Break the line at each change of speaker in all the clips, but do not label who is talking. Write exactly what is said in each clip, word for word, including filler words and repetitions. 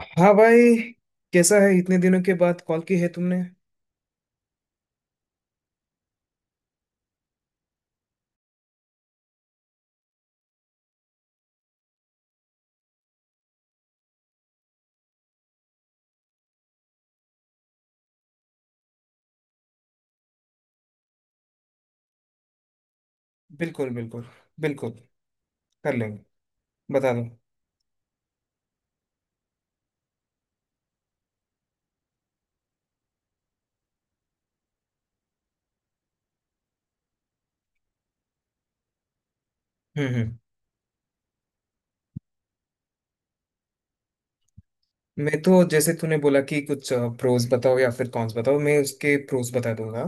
हाँ भाई। कैसा है? इतने दिनों के बाद कॉल की है तुमने। बिल्कुल बिल्कुल। बिल्कुल। कर लेंगे। बता दो। हम्म। हम्म। मैं तो जैसे तूने बोला कि कुछ प्रोज बताओ या फिर कॉन्स बताओ, मैं उसके प्रोज बता दूंगा।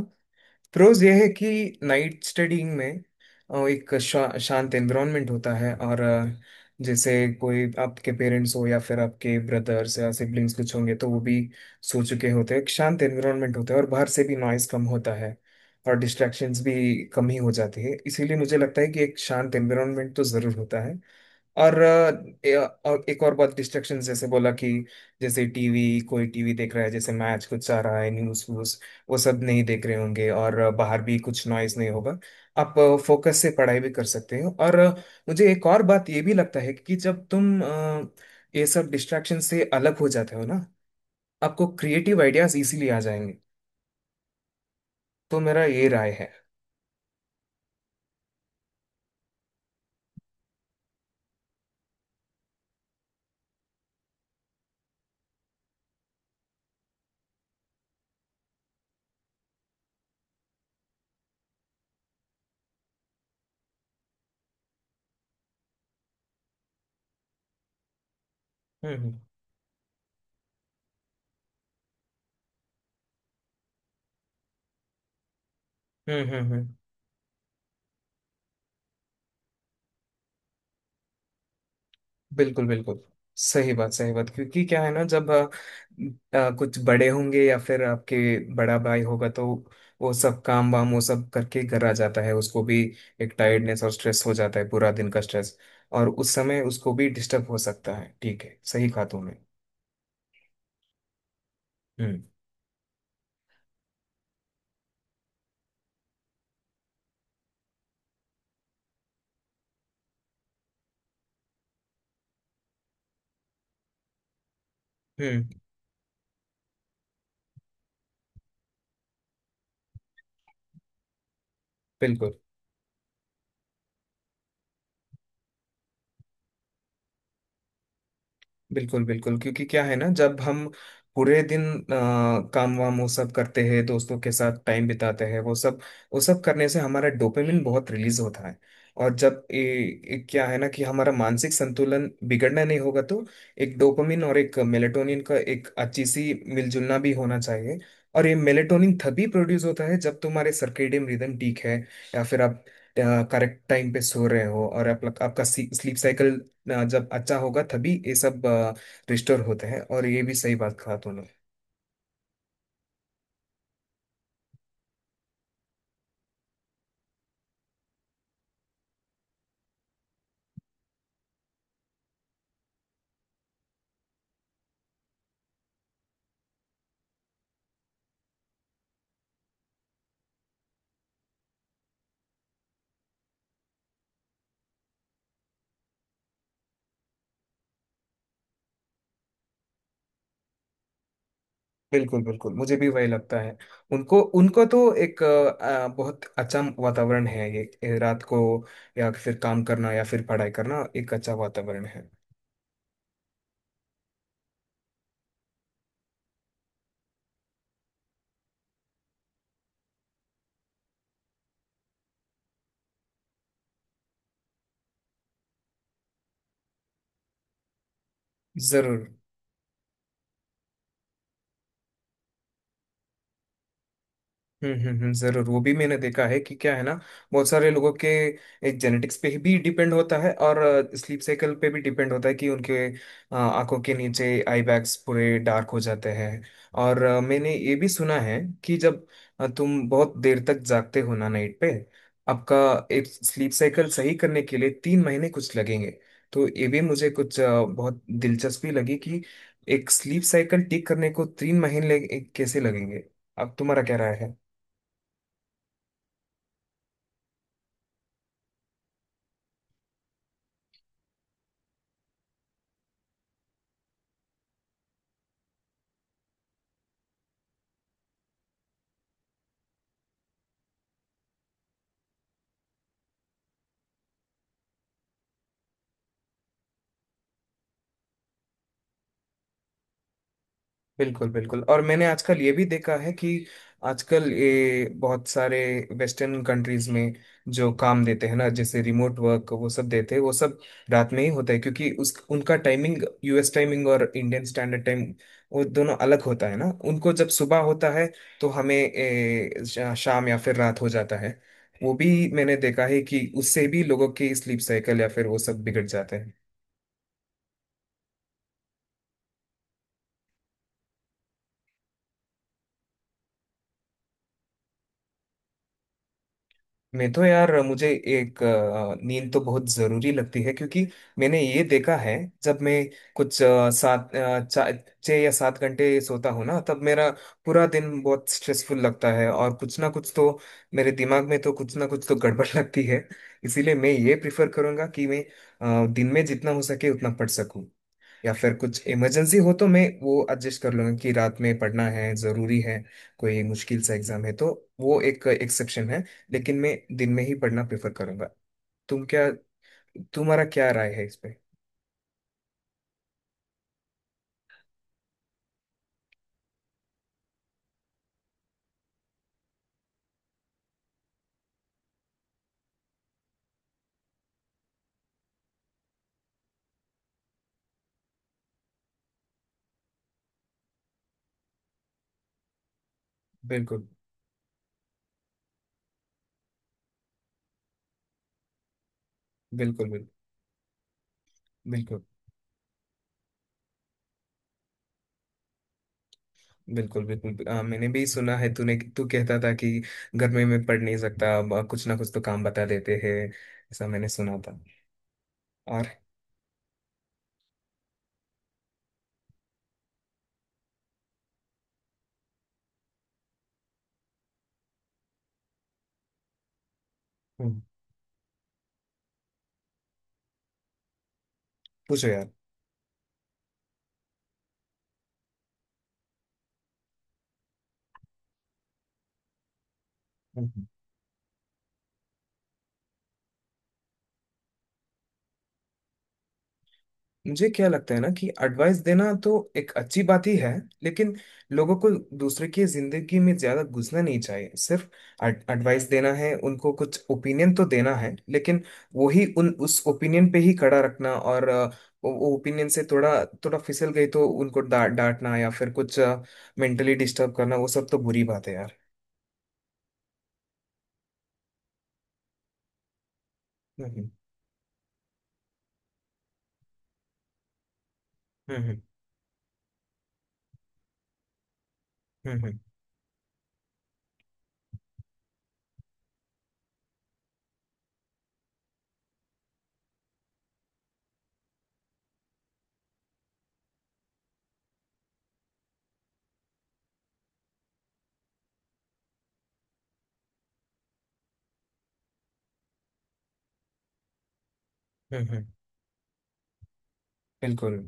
प्रोज यह है कि नाइट स्टडीइंग में अ, एक शा, शांत एनवायरनमेंट होता है। और अ, जैसे कोई आपके पेरेंट्स हो या फिर आपके ब्रदर्स या सिबलिंग्स कुछ होंगे तो वो भी सो चुके होते हैं। एक शांत एनवायरनमेंट होता है, और बाहर से भी नॉइस कम होता है। और डिस्ट्रैक्शंस भी कम ही हो जाती है, इसीलिए मुझे लगता है कि एक शांत एनवायरनमेंट तो ज़रूर होता है। और अ, ए- और एक और बहुत डिस्ट्रेक्शन, जैसे बोला कि जैसे टीवी, कोई टीवी देख रहा है, जैसे मैच कुछ आ रहा है, न्यूज़ व्यूज, वो सब नहीं देख रहे होंगे। और अ, बाहर भी कुछ नॉइज नहीं होगा। आप फोकस से पढ़ाई भी कर सकते हो। और अ, मुझे एक और बात ये भी लगता है कि जब तुम अ, ये सब डिस्ट्रैक्शन से अलग हो जाते हो ना, आपको क्रिएटिव आइडियाज इजीली आ जाएंगे। तो मेरा ये राय है। हम्म। हम्म। हम्म। हम्म। बिल्कुल बिल्कुल। सही बात, सही बात। क्योंकि क्या है ना, जब अ, अ, कुछ बड़े होंगे या फिर आपके बड़ा भाई होगा तो वो सब काम वाम वो सब करके घर आ जाता है। उसको भी एक टायर्डनेस और स्ट्रेस हो जाता है, पूरा दिन का स्ट्रेस। और उस समय उसको भी डिस्टर्ब हो सकता है। ठीक है, सही कहा तुमने। हम्म। हम्म। बिल्कुल बिल्कुल बिल्कुल। क्योंकि क्या है ना, जब हम पूरे दिन अ, काम वाम वो सब करते हैं, दोस्तों के साथ टाइम बिताते हैं, वो सब वो सब करने से हमारा डोपामिन बहुत रिलीज होता है। और जब ए, ए, क्या है ना कि हमारा मानसिक संतुलन बिगड़ना नहीं होगा, तो एक डोपामिन और एक मेलेटोनिन का एक अच्छी सी मिलजुलना भी होना चाहिए। और ये मेलेटोनिन तभी प्रोड्यूस होता है जब तुम्हारे सर्केडियन रिदम ठीक है। या फिर आप करेक्ट टाइम पे सो रहे हो, और आप, आपका स्लीप साइकिल ना जब अच्छा होगा तभी ये सब रिस्टोर होते हैं। और ये भी सही बात कहा तूने। बिल्कुल बिल्कुल, मुझे भी वही लगता है। उनको उनको तो एक अ, बहुत अच्छा वातावरण है। ये ये रात को, या फिर काम करना या फिर पढ़ाई करना, एक अच्छा वातावरण है। जरूर। हम्म। हम्म। हम्म। जरूर, वो भी मैंने देखा है। कि क्या है ना, बहुत सारे लोगों के एक जेनेटिक्स पे भी डिपेंड होता है, और स्लीप साइकिल पे भी डिपेंड होता है, कि उनके अ, आंखों के नीचे आई बैग्स पूरे डार्क हो जाते हैं। और अ, मैंने ये भी सुना है कि जब अ, तुम बहुत देर तक जागते हो ना नाइट पे, आपका एक स्लीप साइकिल सही करने के लिए तीन महीने कुछ लगेंगे। तो ये भी मुझे कुछ अ, बहुत दिलचस्पी लगी कि एक स्लीप साइकिल ठीक करने को तीन महीने लगे- कैसे लगेंगे। अब तुम्हारा क्या राय है? बिल्कुल बिल्कुल। और मैंने आजकल ये भी देखा है कि आजकल ये बहुत सारे वेस्टर्न कंट्रीज में जो काम देते हैं ना, जैसे रिमोट वर्क वो सब देते हैं, वो सब रात में ही होता है। क्योंकि उस उनका टाइमिंग, यूएस टाइमिंग और इंडियन स्टैंडर्ड टाइम, वो दोनों अलग होता है ना। उनको जब सुबह होता है, तो हमें ए, शा- शाम या फिर रात हो जाता है। वो भी मैंने देखा है कि उससे भी लोगों की स्लीप साइकिल या फिर वो सब बिगड़ जाते हैं। मैं तो यार, मुझे एक अ, नींद तो बहुत जरूरी लगती है, क्योंकि मैंने ये देखा है, जब मैं कुछ अ, सात अ, चा- छः या सात घंटे सोता हूँ ना, तब मेरा पूरा दिन बहुत स्ट्रेसफुल लगता है, और कुछ ना कुछ तो, मेरे दिमाग में तो कुछ ना कुछ तो गड़बड़ लगती है। इसीलिए मैं ये प्रिफर करूंगा कि मैं अ, दिन में जितना हो सके उतना पढ़ सकूं। या फिर कुछ इमरजेंसी हो तो मैं वो एडजस्ट कर लूंगा कि रात में पढ़ना है, ज़रूरी है। कोई मुश्किल सा एग्ज़ाम है तो वो एक एक्सेप्शन है। लेकिन मैं दिन में ही पढ़ना प्रेफर करूंगा। तुम क्या तुम्हारा क्या राय है इस पे? बिल्कुल बिल्कुल बिल्कुल। बिल्कुल बिल्कुल बिल्कुल। आ, मैंने भी सुना है, तूने, तू कहता था कि घर में मैं पढ़ नहीं सकता, अब कुछ ना कुछ तो काम बता देते हैं। ऐसा मैंने सुना था। और। हम्म, पूछो यार। मुझे क्या लगता है ना, कि एडवाइस देना तो एक अच्छी बात ही है। लेकिन लोगों को दूसरे की जिंदगी में ज्यादा घुसना नहीं चाहिए, सिर्फ एडवाइस देना है, उनको कुछ ओपिनियन तो देना है। लेकिन वही उन उस ओपिनियन पे ही खड़ा रखना, और अ, वो ओपिनियन से थोड़ा थोड़ा फिसल गई तो उनको डा, डांटना या फिर कुछ मेंटली डिस्टर्ब करना, वो सब तो बुरी बात है यार। हम्म। हम्म। हम्म। हम्म। हम्म। हम्म। हम्म। बिल्कुल।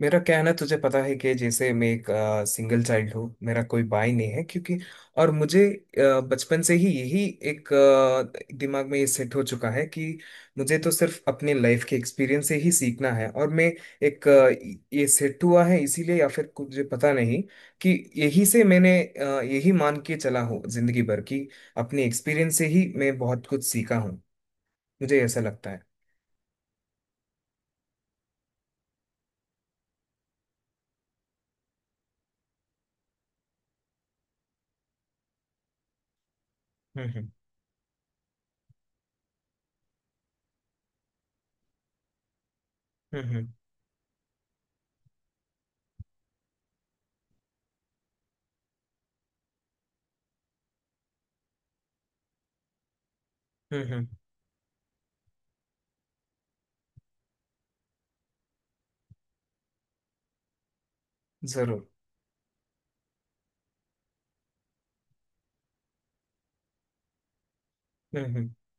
मेरा क्या है ना, तुझे पता है कि जैसे मैं एक सिंगल चाइल्ड हूँ, मेरा कोई भाई नहीं है क्योंकि। और मुझे अ, बचपन से ही यही एक अ, दिमाग में ये सेट हो चुका है कि मुझे तो सिर्फ अपने लाइफ के एक्सपीरियंस से ही सीखना है। और मैं एक अ, य- ये सेट हुआ है इसीलिए, या फिर कुछ मुझे पता नहीं, कि यही से मैंने अ, यही मान के चला हूँ जिंदगी भर की। अपने एक्सपीरियंस से ही मैं बहुत कुछ सीखा हूँ, मुझे ऐसा लगता है। हम्म। हम्म। हम्म। हम्म। हम्म। जरूर। हम्म। हम्म।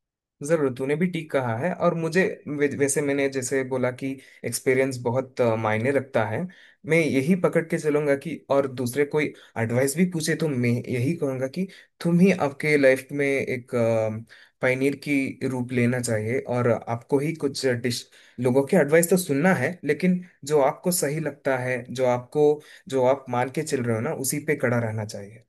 जरूर, तूने भी ठीक कहा है। और मुझे वे- वैसे मैंने जैसे बोला कि एक्सपीरियंस बहुत अ, मायने रखता है। मैं यही पकड़ के चलूंगा कि, और दूसरे कोई एडवाइस भी पूछे तो मैं यही कहूंगा कि तुम ही आपके लाइफ में एक पायनियर की रूप लेना चाहिए। और आपको ही कुछ डिश, लोगों के एडवाइस तो सुनना है, लेकिन जो आपको सही लगता है, जो आपको जो आप मान के चल रहे हो ना, उसी पे कड़ा रहना चाहिए।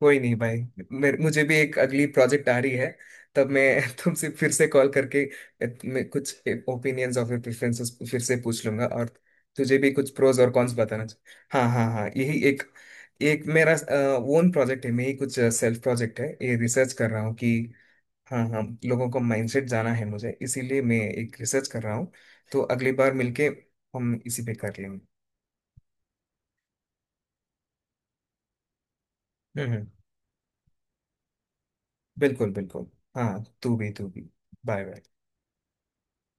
कोई नहीं भाई। मेरे मुझे भी एक अगली प्रोजेक्ट आ रही है। तब मैं तुमसे फिर से कॉल करके अ, मैं कुछ ओपिनियंस और प्रेफरेंसेस फिर से पूछ लूंगा। और तुझे भी कुछ प्रोज और कॉन्स बताना चाहिए, हाँ हाँ हाँ, यही एक। एक मेरा ओन प्रोजेक्ट है, मेरी कुछ सेल्फ प्रोजेक्ट है, ये रिसर्च कर रहा हूँ कि। हाँ हाँ, लोगों को माइंडसेट जाना है मुझे, इसीलिए मैं एक रिसर्च कर रहा हूँ। तो अगली बार मिलके हम इसी पे कर लेंगे। हम्म हम्म, बिल्कुल बिल्कुल। हाँ तू भी, तू भी। Bye, bye.